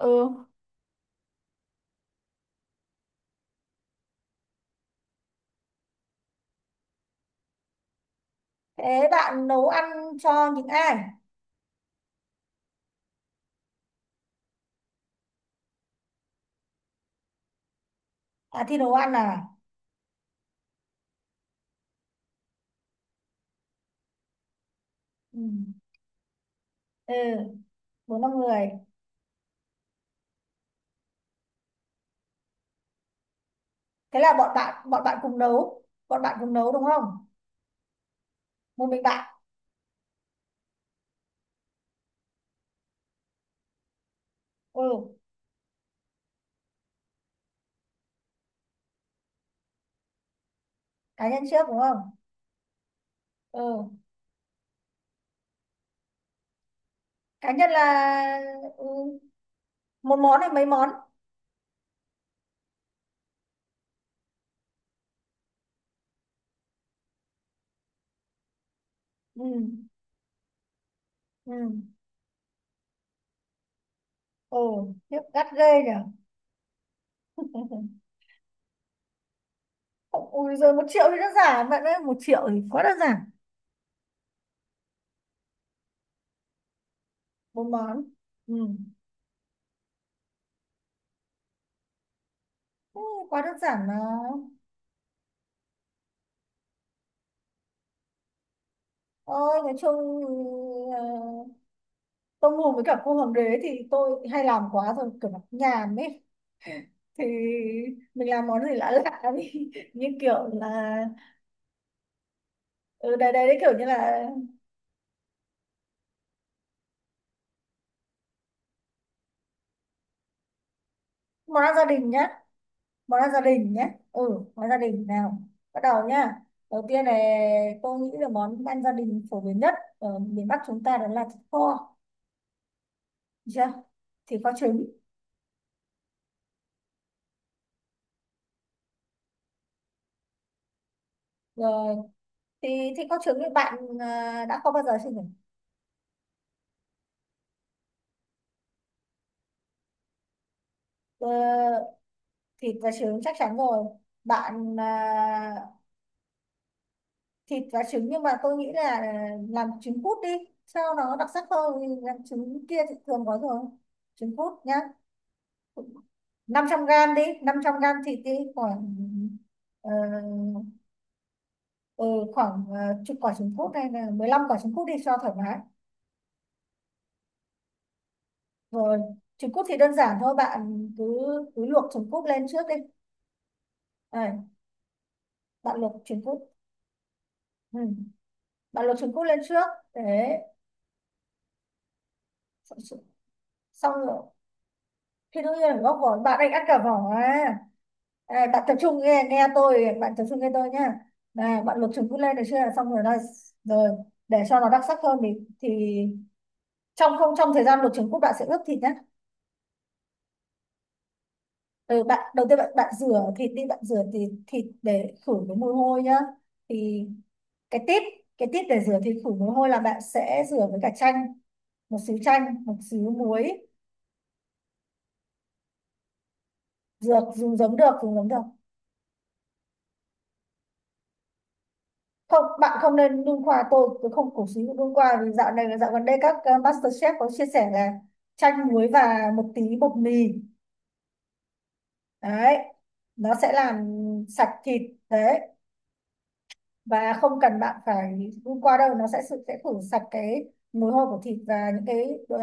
Ừ. Thế bạn nấu ăn cho những ai? À, thì nấu ăn à? Ừ, ừ. Bốn năm người. Thế là bọn bạn cùng nấu, đúng không? Một mình bạn? Ừ, cá nhân trước đúng không? Ừ, cá nhân là. Ừ. Một món hay mấy món? Ừ, ừ, ừ. Khiếp, gắt ghê nhỉ. Ui rồi, 1 triệu thì đơn giản bạn ơi, 1 triệu thì quá đơn giản. Bốn món. Ừ. Ừ. Quá đơn giản mà. Ôi, nói chung tôm hùm với cả cua hoàng đế thì tôi hay làm quá rồi, kiểu nó nhàm ấy. thì mình làm món gì lạ lạ đi. Như kiểu là, ừ, đây đây đấy, kiểu như là món ăn gia đình nhá. Món ăn gia đình nhá. Ừ, món gia đình nào. Bắt đầu nhá. Đầu tiên này, tôi nghĩ là món ăn gia đình phổ biến nhất ở miền Bắc chúng ta đó là thịt kho. Được chưa? Thịt kho trứng. Rồi, thì thịt kho trứng thì bạn à, đã kho bao giờ chưa nhỉ? Ờ, thịt và trứng chắc chắn rồi bạn à, thịt và trứng. Nhưng mà tôi nghĩ là làm trứng cút đi cho nó đặc sắc hơn, vì làm trứng kia thì thường có rồi. Trứng cút nhá. 500 gram đi, 500 gram thịt đi. Khoảng ờ, ừ, khoảng ờ, chục quả trứng cút hay là 15 quả trứng cút đi cho thoải mái. Rồi, trứng cút thì đơn giản thôi, bạn cứ cứ luộc trứng cút lên trước đi. Đây, bạn luộc trứng cút. Ừ, bạn luộc trứng cút lên trước để xong xong rồi. Khi đương nhiên là gốc vỏ, bạn anh ăn cả vỏ à? Ê, bạn tập trung nghe, nghe tôi, bạn tập trung nghe tôi nhá. Này bạn lục chúng cứ lên, được chưa? Xong rồi đây. Rồi, để cho nó đặc sắc hơn thì thì trong không trong thời gian luộc trứng cút, bạn sẽ ướp thịt nhé. Ừ, bạn đầu tiên bạn bạn rửa thịt đi, bạn rửa thịt, để khử cái mùi hôi nhá. thì cái tip, để rửa thịt khử mùi hôi là bạn sẽ rửa với cả chanh, một xíu chanh một xíu muối. Dược dùng giấm được, dùng giấm được. Không, bạn không nên đun khoa, tôi không cổ suý đun khoa, vì dạo này, dạo gần đây các MasterChef có chia sẻ là chanh muối và một tí bột mì. Đấy, nó sẽ làm sạch thịt. Đấy, và không cần bạn phải đun qua đâu, nó sẽ sẽ khử sạch cái mùi hôi của thịt và những cái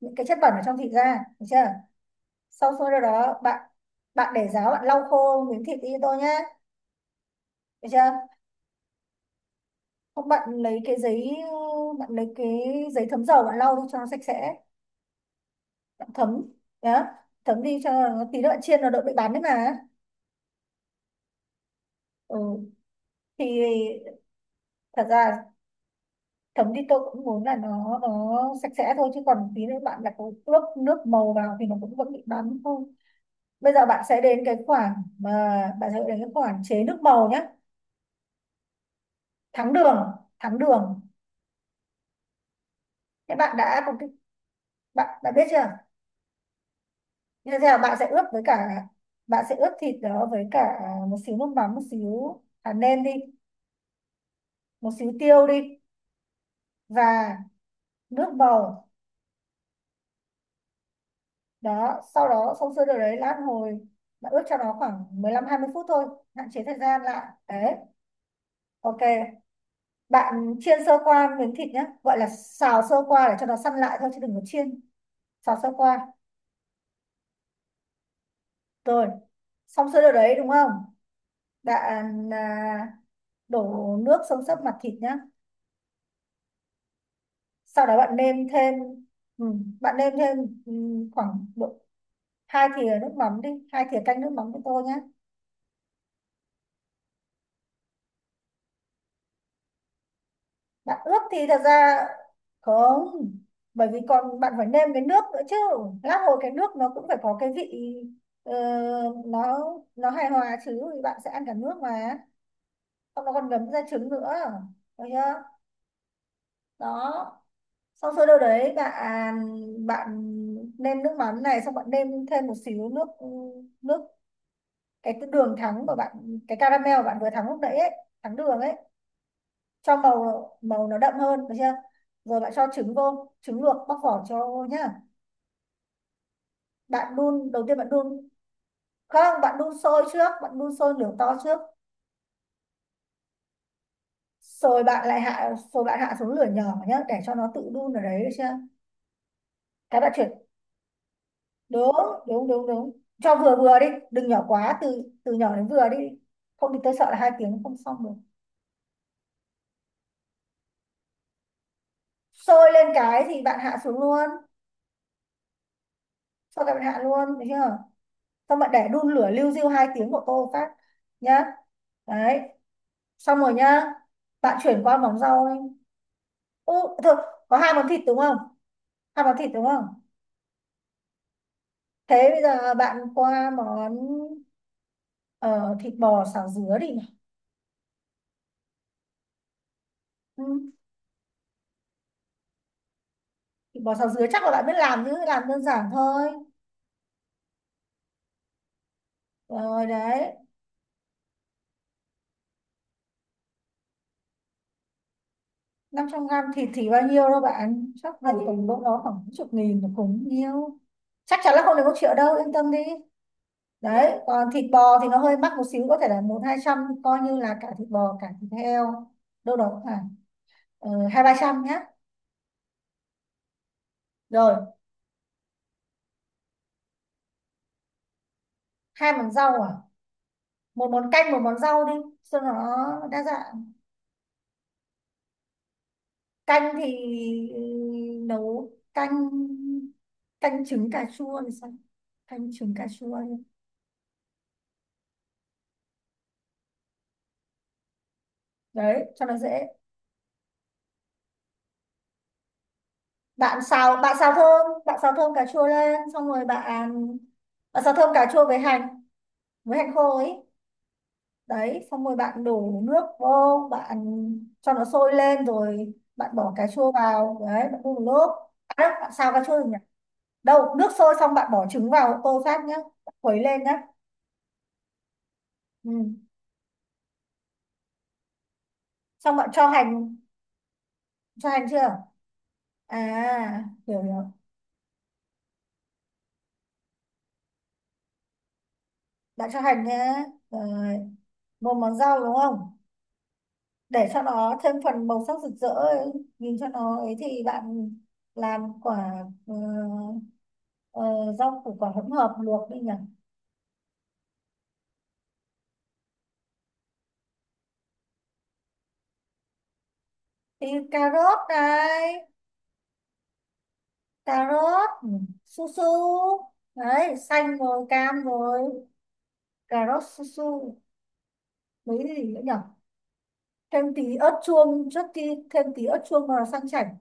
những cái chất bẩn ở trong thịt ra, được chưa? Sau khi đó bạn bạn để ráo, bạn lau khô miếng thịt đi cho tôi nhé. Được chưa? Không, bạn lấy cái giấy, bạn lấy cái giấy thấm dầu, bạn lau đi cho nó sạch sẽ. Thấm đó, thấm đi cho nó tí nữa chiên nó đỡ bị bắn đấy mà. Ừ, thì thật ra thấm đi tôi cũng muốn là nó sạch sẽ thôi, chứ còn tí nữa bạn đặt ướp nước màu vào thì nó cũng vẫn bị bắn thôi. Bây giờ bạn sẽ đến cái khoản mà bạn sẽ đến cái khoản chế nước màu nhé. Thắng đường, thắng đường. Thế bạn đã có cái, đã biết chưa như thế nào. Bạn sẽ ướp với cả, bạn sẽ ướp thịt đó với cả một xíu nước mắm, một xíu hạt nêm đi, một xíu tiêu đi, và nước màu. Đó, sau đó xong sơ đồ đấy, lát hồi bạn ướp cho nó khoảng 15 đến 20 phút thôi, hạn chế thời gian lại đấy. Ok, bạn chiên sơ qua miếng thịt nhé, gọi là xào sơ qua để cho nó săn lại thôi chứ đừng có chiên. Xào sơ qua. Rồi, xong sơ đồ đấy đúng không bạn à, đổ nước xông xấp mặt thịt nhé. Sau đó bạn nêm thêm, ừ, bạn nêm thêm, ừ, khoảng độ 2 thìa nước mắm đi, 2 thìa canh nước mắm cho tôi nhé. Bạn ướp thì thật ra không, bởi vì còn bạn phải nêm cái nước nữa chứ. Lát hồi cái nước nó cũng phải có cái vị, ờ, nó nó hài hòa chứ, thì bạn sẽ ăn cả nước mà. Xong nó còn ngấm ra trứng nữa, được chưa? Đó, xong sơ đâu đấy bạn, bạn nêm nước mắm này, xong bạn nêm thêm một xíu nước, nước cái đường thắng của bạn, cái caramel của bạn vừa thắng lúc nãy ấy, thắng đường ấy, cho màu màu nó đậm hơn, được chưa? Rồi bạn cho trứng vô, trứng luộc bóc vỏ cho vô nhá. Bạn đun, đầu tiên bạn đun, không, bạn đun sôi trước, bạn đun sôi lửa to trước. Rồi bạn lại hạ, rồi bạn hạ xuống lửa nhỏ nhá, để cho nó tự đun ở đấy, được chưa? Cái bạn chuyển, đúng, đúng, đúng, đúng. Cho vừa vừa đi, đừng nhỏ quá, từ từ nhỏ đến vừa đi, không thì tôi sợ là 2 tiếng không xong được. Sôi lên cái thì bạn hạ xuống luôn. Sau cái bạn hạ luôn được chưa. Xong bạn để đun lửa liu riu 2 tiếng của tô phát nhá. Đấy, xong rồi nhá. Bạn chuyển qua món rau đi. ừ, Thôi, có hai món thịt đúng không? Hai món thịt đúng không? Thế bây giờ bạn qua món, ờ, thịt bò xào dứa đi. Ừ, thịt bò xào dứa chắc là bạn biết làm, chứ làm đơn giản thôi. Rồi đấy. 500 gram thịt thì bao nhiêu đâu bạn, chắc là tầm đâu đó khoảng mấy chục nghìn là cũng nhiêu. Chắc chắn là không đến 1 triệu đâu, yên tâm đi. Đấy, còn thịt bò thì nó hơi mắc một xíu, có thể là một hai trăm. Coi như là cả thịt bò cả thịt heo đâu đó khoảng hai ba trăm nhé. Rồi, hai món rau à? Một món canh, một món rau đi cho nó đa dạng. Canh thì nấu canh, canh trứng cà chua thì sao? Canh trứng cà chua đi. Đấy, cho nó dễ. Bạn xào thơm cà chua lên, xong rồi bạn bạn xào thơm cà chua với hành khô ấy. Đấy, xong rồi bạn đổ nước vô, bạn cho nó sôi lên rồi bạn bỏ cà chua vào, đấy, bạn đun một lúc. À, bạn xào cà chua rồi đâu nước sôi, xong bạn bỏ trứng vào tô sát nhá, khuấy lên nhá. Ừ, xong bạn cho hành, cho hành chưa, à hiểu hiểu, bạn cho hành nhá. Rồi, một món rau đúng không, để cho nó thêm phần màu sắc rực rỡ ấy, nhìn cho nó ấy thì bạn làm quả ờ, rau củ quả hỗn hợp luộc đi nhỉ. Cà rốt này, cà rốt, ừ, su su. Đấy, xanh rồi cam rồi, cà rốt su su, mấy gì nữa nhỉ. Thêm tí ớt chuông, trước khi thêm tí ớt chuông vào sang chảnh.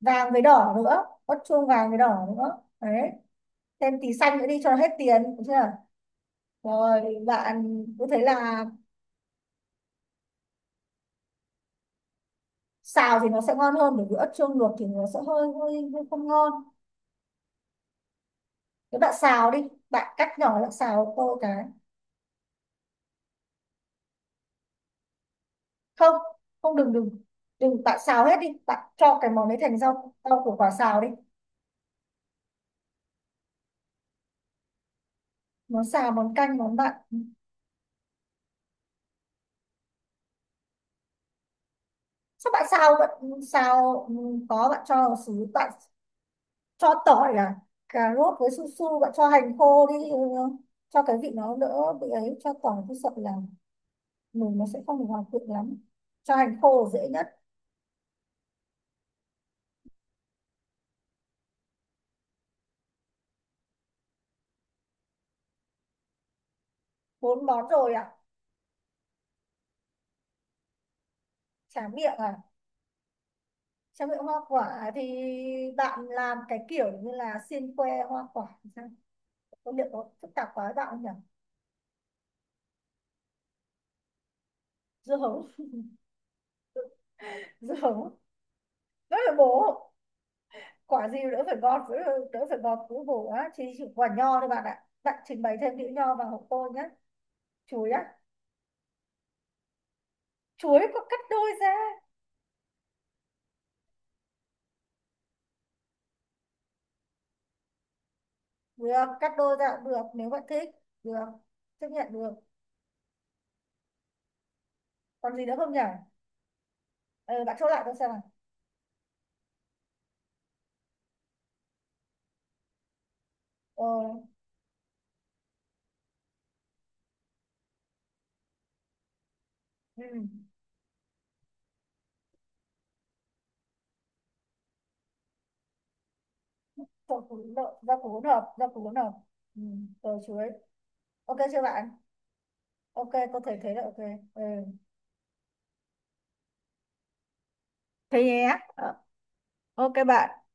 Vàng với đỏ nữa, ớt chuông vàng với đỏ nữa đấy. Thêm tí xanh nữa đi cho nó hết tiền, được chưa? Rồi bạn cứ thấy là, xào thì nó sẽ ngon hơn bởi vì ớt chuông luộc thì nó sẽ hơi hơi không ngon. Nếu bạn xào đi, bạn cắt nhỏ lại xào tô cái. Không không đừng đừng đừng bạn xào hết đi, bạn cho cái món đấy thành rau, củ quả xào đi. Món xào, món canh, món bạn. Sao bạn xào, ừ, có, bạn cho vào xứ bạn, cho tỏi à? Cà rốt với su su bạn cho hành khô đi, ừ, cho cái vị nó đỡ bị ấy, cho tỏi tôi sợ là mùi nó sẽ không được hòa quyện lắm. Cho hành khô là dễ nhất. Bốn món rồi ạ. Chả miệng à? Chả miệng hoa quả thì bạn làm cái kiểu như là xiên que hoa quả thì sao? Có liệu có phức tạp quá với bạn không nhỉ? Dưa hấu. Dưa hấu, đỡ phải bổ. Quả gì đỡ phải gọt đỡ, đỡ phải gọt, cứ bổ á, chỉ quả nho thôi bạn ạ, bạn trình bày thêm đĩa nho vào hộ tôi nhé. Chuối á? Chuối có cắt đôi ra? Được cắt đôi ra, được, nếu bạn thích. Được, chấp nhận được. Còn gì nữa không nhỉ? Ờ, bạn chốt lại tôi xem nào. Ờ. Ừ. Rau củ hỗn hợp, rau củ hỗn hợp. Ừ. Rồi, chuối. Ok chưa bạn? Ok, có thể thấy là ok. Ừ. Thế nhé. Ờ, ok bạn.